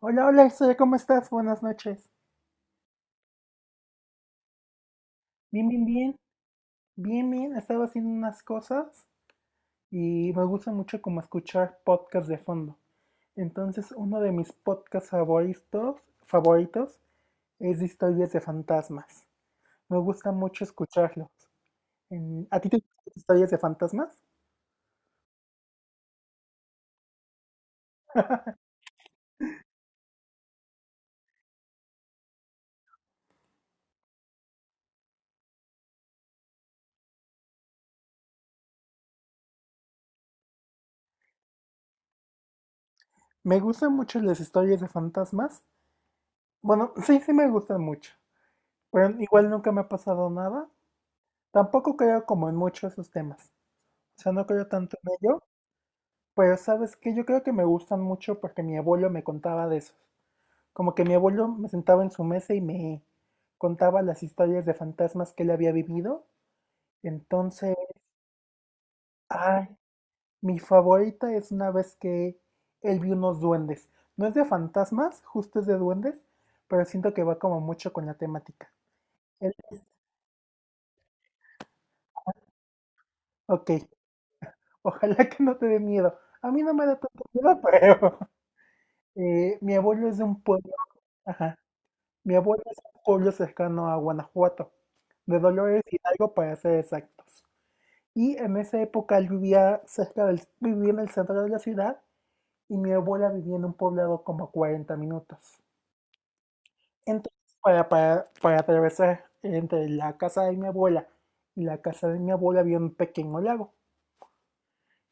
Hola, hola, Estrella, ¿cómo estás? Buenas noches. Bien, bien, bien, bien. Estaba haciendo unas cosas y me gusta mucho como escuchar podcasts de fondo. Entonces, uno de mis podcasts favoritos es de historias de fantasmas. Me gusta mucho escucharlos. ¿A ti te gustan las historias de fantasmas? Me gustan mucho las historias de fantasmas. Bueno, sí me gustan mucho. Pero igual nunca me ha pasado nada. Tampoco creo como en muchos de esos temas. O sea, no creo tanto en ello. Pero sabes que yo creo que me gustan mucho porque mi abuelo me contaba de esos. Como que mi abuelo me sentaba en su mesa y me contaba las historias de fantasmas que él había vivido. Entonces, ay, mi favorita es una vez que él vio unos duendes. No es de fantasmas, justo es de duendes, pero siento que va como mucho con la temática. Él es- ok, ojalá que no te dé miedo. A mí no me da tanto miedo, pero mi abuelo es de un pueblo. Ajá. Mi abuelo es un pueblo cercano a Guanajuato, de Dolores Hidalgo para ser exactos. Y en esa época él vivía en el centro de la ciudad y mi abuela vivía en un poblado como a 40 minutos. Entonces, para atravesar entre la casa de mi abuela y la casa de mi abuela había un pequeño lago.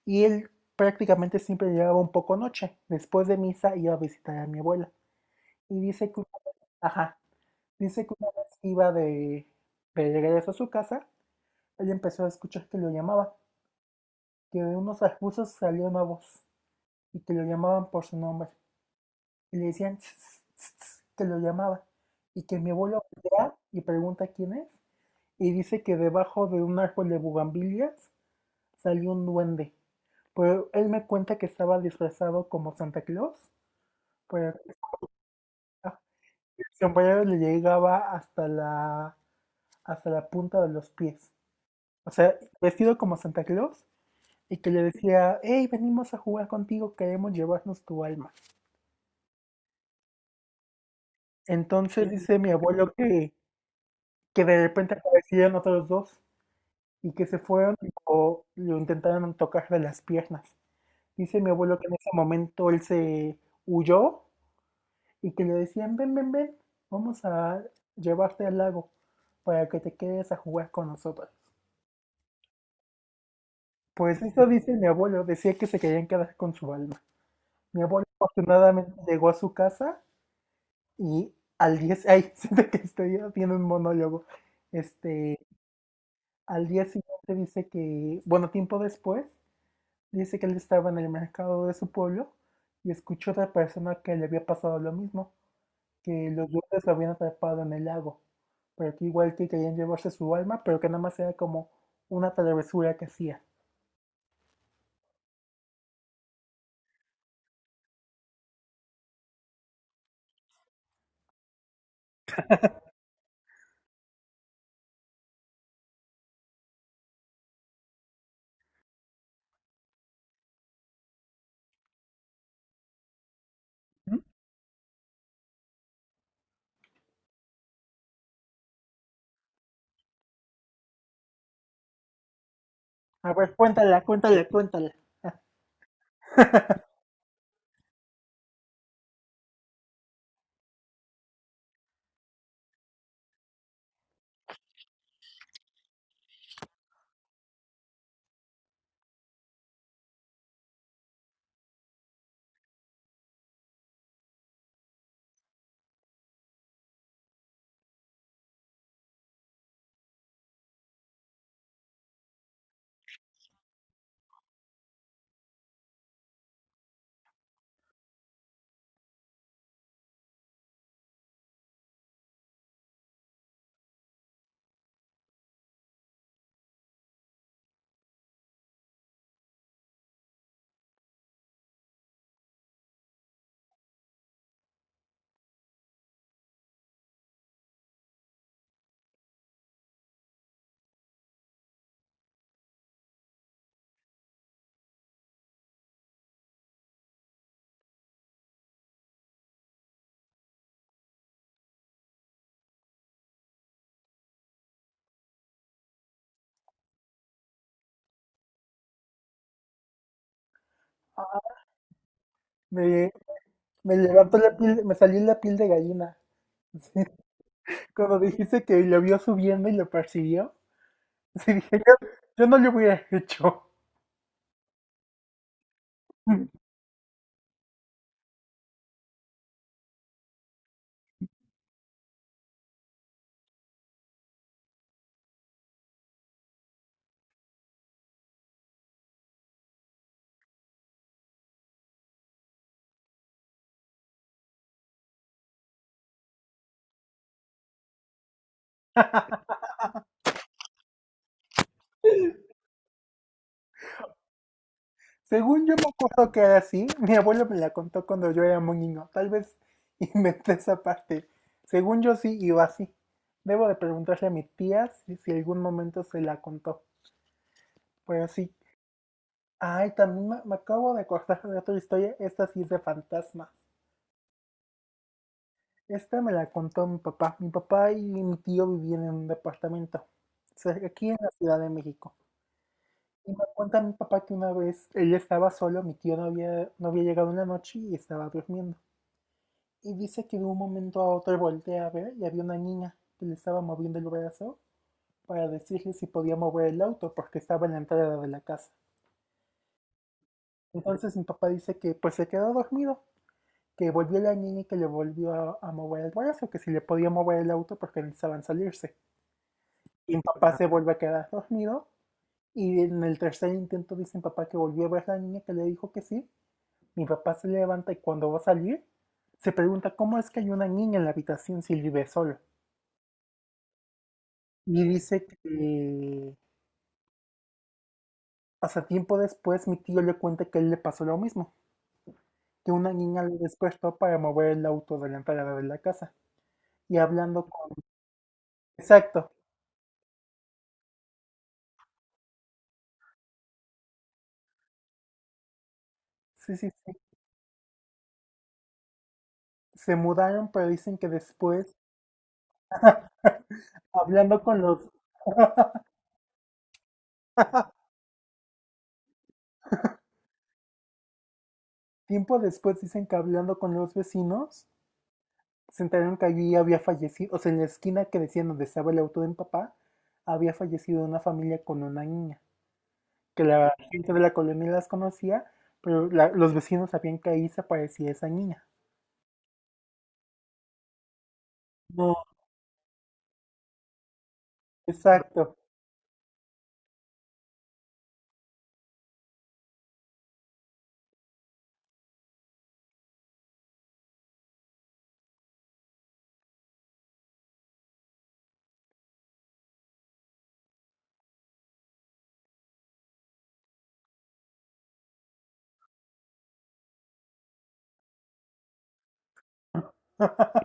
Y él prácticamente siempre llegaba un poco noche. Después de misa iba a visitar a mi abuela. Y dice que, ajá. Dice que una vez iba De regreso a su casa, él empezó a escuchar que lo llamaba, que de unos arbustos salió una voz y que lo llamaban por su nombre. Y le decían "Tss, tss, tss", que lo llamaba y que mi abuelo voltea y pregunta quién es, y dice que debajo de un árbol de bugambilias salió un duende. Pero él me cuenta que estaba disfrazado como Santa Claus, pero el sombrero le llegaba hasta la punta de los pies. O sea, vestido como Santa Claus y que le decía, hey, venimos a jugar contigo, queremos llevarnos tu alma. Entonces dice mi abuelo que de repente aparecieron otros dos y que se fueron o lo intentaron tocar de las piernas. Dice mi abuelo que en ese momento él se huyó y que le decían, ven, ven, ven, vamos a llevarte al lago para que te quedes a jugar con nosotros. Pues eso dice mi abuelo, decía que se querían quedar con su alma. Mi abuelo afortunadamente llegó a su casa y al día, si- ay, siento que estoy haciendo un monólogo. Este, Al día siguiente dice que, bueno, tiempo después, dice que él estaba en el mercado de su pueblo y escuchó a otra persona que le había pasado lo mismo, que los duendes lo habían atrapado en el lago, pero que igual que querían llevarse su alma, pero que nada más era como una travesura que hacía. A ver, cuéntala, cuéntala, cuéntala. Ah, Me, me levantó la piel, me salió la piel de gallina. Sí, cuando dijiste que lo vio subiendo y lo persiguió, sí dije, yo no lo hubiera hecho. Según yo me acuerdo que era así, mi abuelo me la contó cuando yo era muy niño, tal vez inventé esa parte. Según yo sí iba así. Debo de preguntarle a mi tía si algún momento se la contó, pero sí. Ay, también me acabo de acordar de otra historia, esta sí es de fantasmas. Esta me la contó mi papá. Mi papá y mi tío vivían en un departamento, aquí en la Ciudad de México. Y me cuenta mi papá que una vez él estaba solo, mi tío no había llegado en la noche y estaba durmiendo. Y dice que de un momento a otro voltea a ver y había una niña que le estaba moviendo el brazo para decirle si podía mover el auto porque estaba en la entrada de la casa. Entonces mi papá dice que pues se quedó dormido, que volvió la niña y que le volvió a mover el brazo, que si le podía mover el auto porque necesitaban salirse. Y mi papá se vuelve a quedar dormido y en el tercer intento dice mi papá que volvió a ver la niña que le dijo que sí. Mi papá se levanta y cuando va a salir, se pregunta cómo es que hay una niña en la habitación si él vive solo. Y dice que hasta tiempo después mi tío le cuenta que él le pasó lo mismo, que una niña le despertó para mover el auto de la entrada de la casa. Y hablando con... Exacto, sí, sí, sí. Se mudaron, pero dicen que después, hablando con los... tiempo después dicen que hablando con los vecinos, se enteraron que allí había fallecido, o sea, en la esquina que decían donde estaba el auto de mi papá, había fallecido una familia con una niña, que la gente de la colonia las conocía, pero los vecinos sabían que ahí se aparecía esa niña. No, exacto.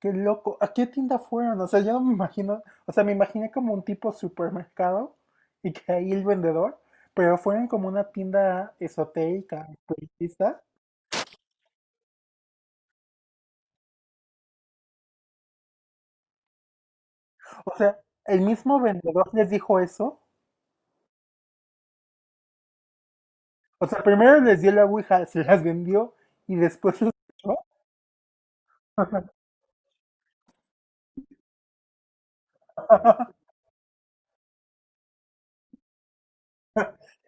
Qué loco. ¿A qué tienda fueron? O sea, yo no me imagino, o sea, me imaginé como un tipo supermercado y que ahí el vendedor, pero fueron como una tienda esotérica, espiritista. O sea, el mismo vendedor les dijo eso. O sea, primero les dio la Ouija, se las vendió y después los echó.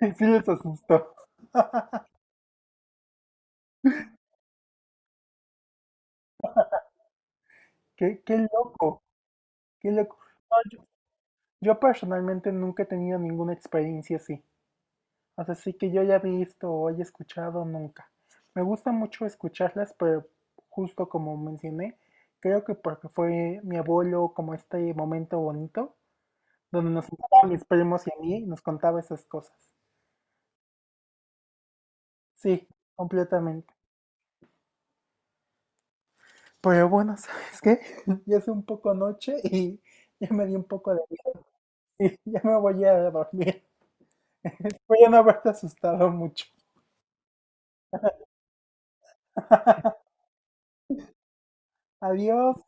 Y sí les asustó. Qué loco, qué loco. No, yo personalmente nunca he tenido ninguna experiencia así. O sea, sí que yo haya visto o haya escuchado nunca. Me gusta mucho escucharlas, pero justo como mencioné, creo que porque fue mi abuelo como este momento bonito, donde nos sentaban mis primos y a mí y nos contaba esas cosas. Sí, completamente. Pero bueno, ¿sabes qué? Ya es un poco noche y ya me di un poco de miedo y ya me voy a dormir. Voy a no haberte asustado mucho. Adiós.